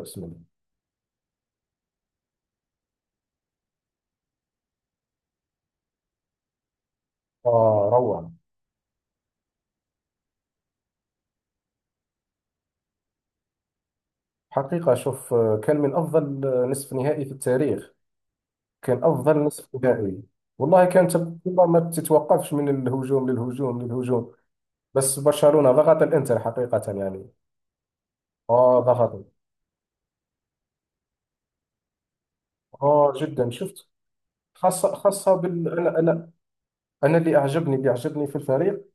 بسم الله. آه روعة. حقيقة شوف كان من أفضل نصف نهائي في التاريخ. كان أفضل نصف نهائي، والله كان تبقى ما تتوقفش من الهجوم للهجوم للهجوم. بس برشلونة ضغط الإنتر حقيقة يعني. آه ضغط، آه جدا شفت. خاصة خاصة بال أنا أنا أنا، اللي أعجبني في الفريق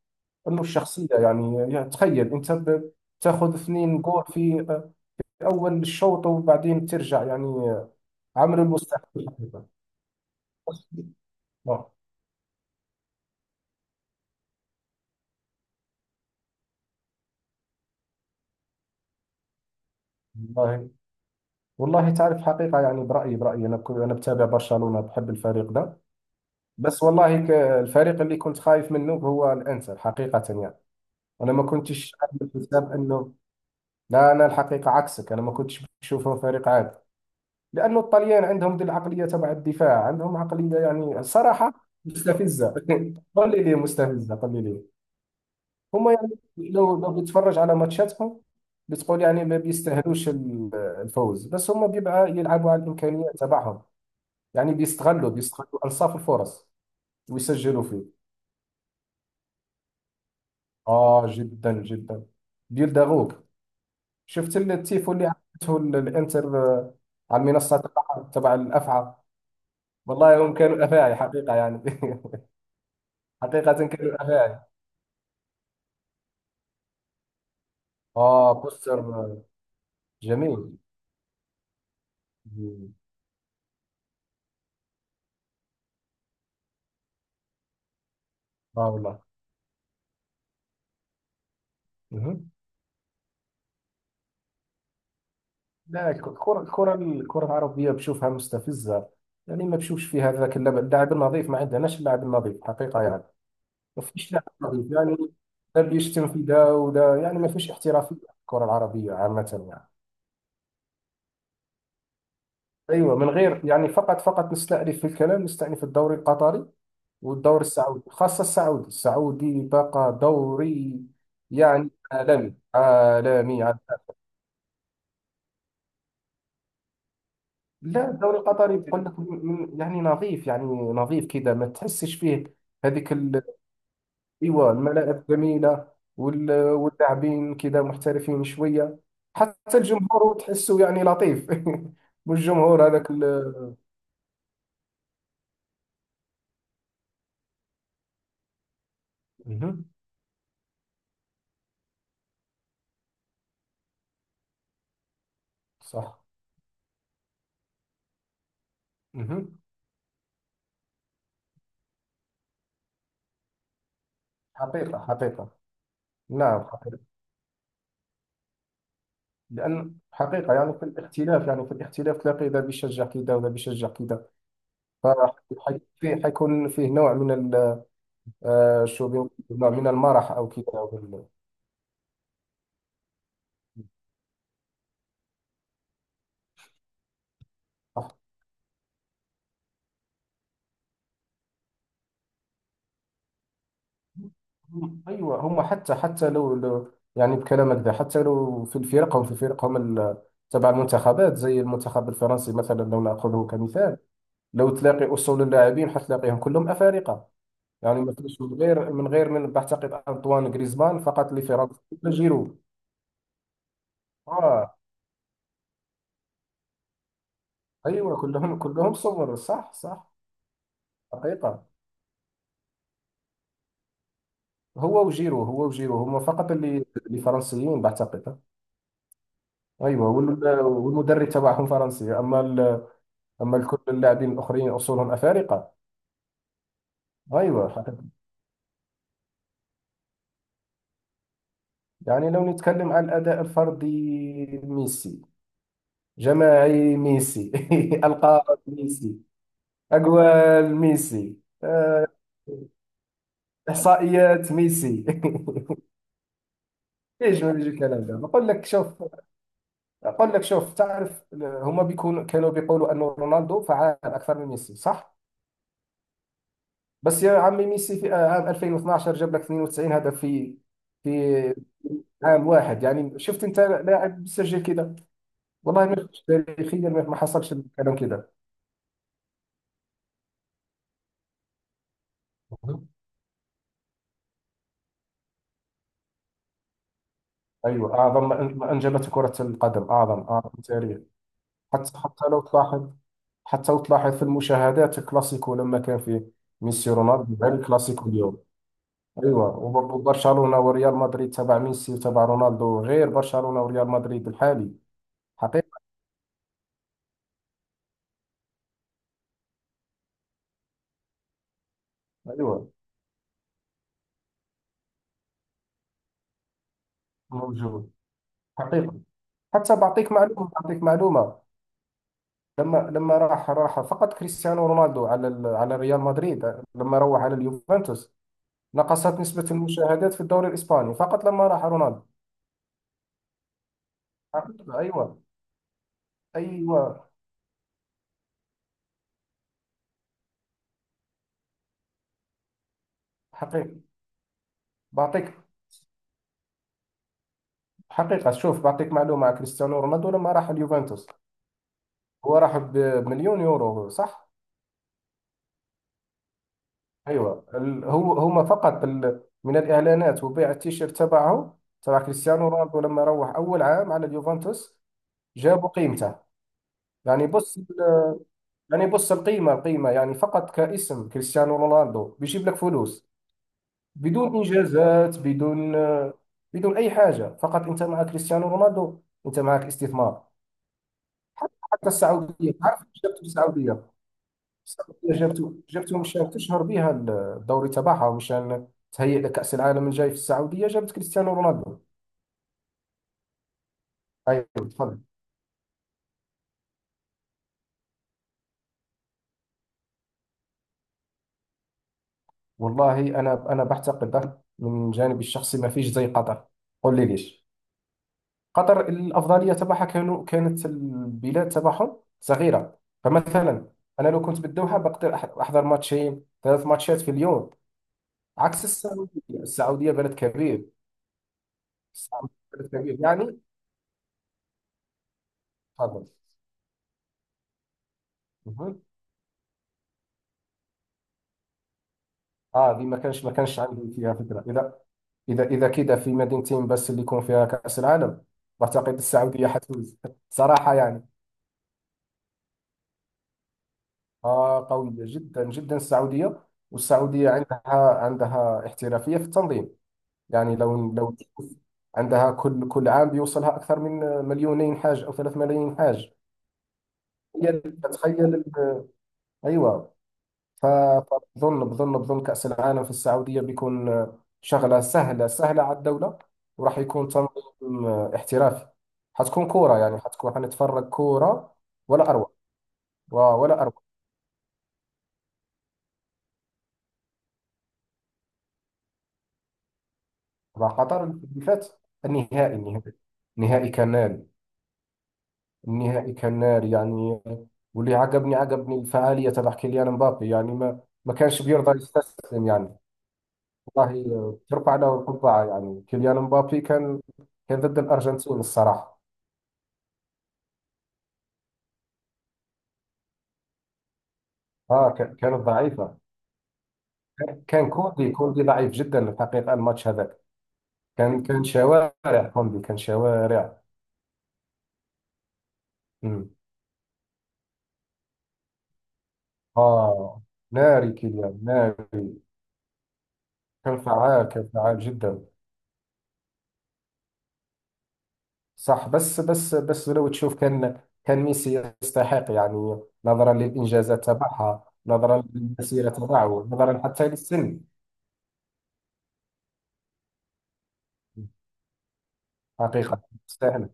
أنه الشخصية، يعني تخيل أنت تاخذ 2 جول في أول الشوط، وبعدين ترجع يعني عملوا المستحيل حقيقة آه. والله تعرف حقيقة، يعني برأيي أنا كنت، أنا بتابع برشلونة، بحب الفريق ده. بس والله الفريق اللي كنت خايف منه هو الإنتر حقيقة يعني. أنا ما كنتش عامل حساب أنه، لا أنا الحقيقة عكسك، أنا ما كنتش بشوفهم فريق عادي لأنه الطليان عندهم دي العقلية، تبع الدفاع عندهم عقلية يعني صراحة مستفزة قل لي ليه مستفزة، قل لي ليه. هم يعني لو بتتفرج على ماتشاتهم بتقول يعني ما بيستاهلوش الفوز، بس هم بيبقى يلعبوا على الإمكانيات تبعهم، يعني بيستغلوا ألصاف الفرص ويسجلوا فيه. جدا جدا بيلدغوك. شفت التيفو اللي عملته الانتر على المنصة تبع الأفعى. والله هم كانوا أفاعي حقيقة يعني حقيقة كانوا أفاعي. آه، بوستر جميل. مم. آه والله. مهم. لا، الكرة العربية بشوفها مستفزة، يعني ما بشوفش فيها ذاك اللعب اللاعب النظيف، ما عندناش اللاعب النظيف حقيقة يعني. مفيش لا احترافية، يعني ده بيشتم في ده وده، يعني ما فيش احترافية في الكرة العربية عامة يعني. ايوه، من غير يعني فقط نستأنف في الكلام، نستأنف الدوري القطري والدوري السعودي، خاصة السعودي، السعودي بقى دوري يعني عالمي عالمي عالمي. لا، الدوري القطري بقول لك، يعني نظيف يعني، نظيف كذا ما تحسش فيه هذيك. ايوه الملاعب جميله، واللاعبين كذا محترفين شويه، حتى الجمهور تحسه يعني لطيف مش جمهور هذاك مهم. صح. مهم. حقيقه، حقيقه. نعم حقيقه. لان حقيقه يعني في الاختلاف، يعني في الاختلاف تلاقي ذا بيشجع كذا وذا بيشجع كذا، فحيكون فيه نوع من شو بيقولوا، نوع من المرح او كذا، أو صح. ايوه هم، حتى لو يعني بكلامك ده، حتى لو في الفرق هم في الفرق هم تبع المنتخبات، زي المنتخب الفرنسي مثلا، لو ناخذه كمثال لو تلاقي اصول اللاعبين حتلاقيهم كلهم افارقه. يعني ما فيش من غير من بعتقد انطوان غريزمان فقط لفرنسا، ولا جيرو. اه، ايوه كلهم، كلهم صور، صح صح. حقيقه، هو وجيرو هم فقط اللي فرنسيين بعتقد. ايوه والمدرب تبعهم فرنسي، اما أما الكل اللاعبين الآخرين أصولهم أفارقة. أيوة حقيقة. يعني لو نتكلم عن الأداء الفردي، ميسي. جماعي ميسي ألقاب ميسي. أجوال ميسي. آه، إحصائيات ميسي ايش ما بيجي الكلام ده، بقول لك شوف، تعرف هما بيكونوا كانوا بيقولوا أنه رونالدو فعال أكثر من ميسي صح. بس يا عمي ميسي في عام 2012 جاب لك 92 هدف في في عام واحد، يعني شفت انت لاعب سجل كده؟ والله مش تاريخيا ما حصلش الكلام كده. مهم. ايوه اعظم ما انجبته كره القدم، اعظم اعظم تاريخ. حتى لو تلاحظ، في المشاهدات الكلاسيكو لما كان فيه ميسي رونالدو، غير الكلاسيكو اليوم. ايوه، وبرضه برشلونه وريال مدريد تبع ميسي وتبع رونالدو غير برشلونه وريال مدريد الحالي. حقيقه. ايوه، موجود حقيقه. حتى بعطيك معلومه، لما راح فقط كريستيانو رونالدو على على ريال مدريد، لما روح على اليوفنتوس نقصت نسبة المشاهدات في الدوري الإسباني فقط لما راح رونالدو. حقيقة أيوة. أيوة حقيقة. بعطيك حقيقة شوف، بعطيك معلومة على كريستيانو رونالدو لما راح اليوفنتوس. هو راح بمليون يورو صح؟ أيوة هو هما فقط من الإعلانات وبيع التيشيرت تبعه، تبع كريستيانو رونالدو، لما روح أول عام على اليوفنتوس جابوا قيمته. يعني بص يعني بص، القيمة يعني فقط كاسم كريستيانو رونالدو بيجيب لك فلوس، بدون انجازات، بدون بدون اي حاجه، فقط انت مع كريستيانو رونالدو انت معك استثمار. حتى السعوديه، عارف، جابته السعوديه، السعوديه جابته، مشان تشهر بها الدوري تبعها، ومشان تهيئ لكاس العالم الجاي في السعوديه جابت كريستيانو رونالدو. ايوه تفضل. والله انا بعتقد من جانبي الشخصي ما فيش زي قطر. قول لي ليش. قطر الأفضلية تبعها كانت البلاد تبعهم صغيرة، فمثلا أنا لو كنت بالدوحة بقدر أحضر 3 ماتشات في اليوم، عكس السعودية. السعودية بلد كبير، السعودية بلد كبير يعني. تفضل. مهم. اه دي ما كانش عندي فيها فكرة، إذا إذا كده في مدينتين بس اللي يكون فيها كأس العالم. بعتقد السعودية حتفوز صراحة يعني. آه قوية جدا جدا السعودية، والسعودية عندها، احترافية في التنظيم. يعني لو تشوف عندها كل عام بيوصلها أكثر من 2 مليون حاج، أو 3 ملايين حاج. تخيل، تخيل أيوة. فبظن بظن بظن كأس العالم في السعودية بيكون شغلة سهلة، سهلة على الدولة، وراح يكون تنظيم احترافي، حتكون كورة يعني، حتكون حنتفرج كورة ولا أروع. ولا أروع. مع قطر اللي فات، النهائي. النهائي نهائي كان النهائي كان ناري يعني. واللي عجبني الفعالية تبع كيليان مبابي، يعني ما كانش بيرضى يستسلم يعني. والله ترفع له القبعة، يعني كيليان مبابي كان ضد الأرجنتين الصراحة. اه كانت ضعيفة. كان كوندي ضعيف جدا الحقيقة الماتش هذاك، كان شوارع، كوندي كان شوارع. امم. اه ناري، كيليان ناري. كان فعال جدا. صح. بس لو تشوف كان ميسي يستحق، يعني نظرا للإنجازات تبعها، نظرا للمسيرة تبعه، نظرا حتى للسن. حقيقة يستاهل.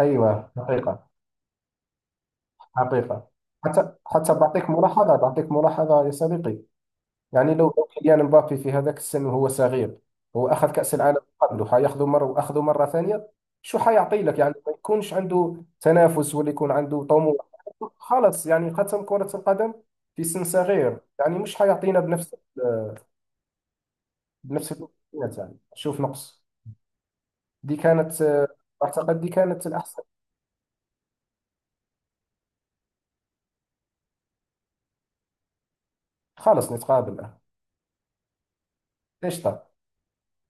أيوة حقيقة حقيقة. حتى بعطيك ملاحظة يا صديقي. يعني لو كيليان مبابي في هذاك السن وهو صغير هو اخذ كاس العالم، قبله حياخذه مره، واخذه مره ثانيه شو حيعطي لك، يعني ما يكونش عنده تنافس ولا يكون عنده طموح، خلص يعني ختم كره القدم في سن صغير، يعني مش حيعطينا بنفس، بنفس الامكانيات، يعني شوف نقص. دي كانت اعتقد دي كانت الاحسن. خلص نتقابل. ليش طب.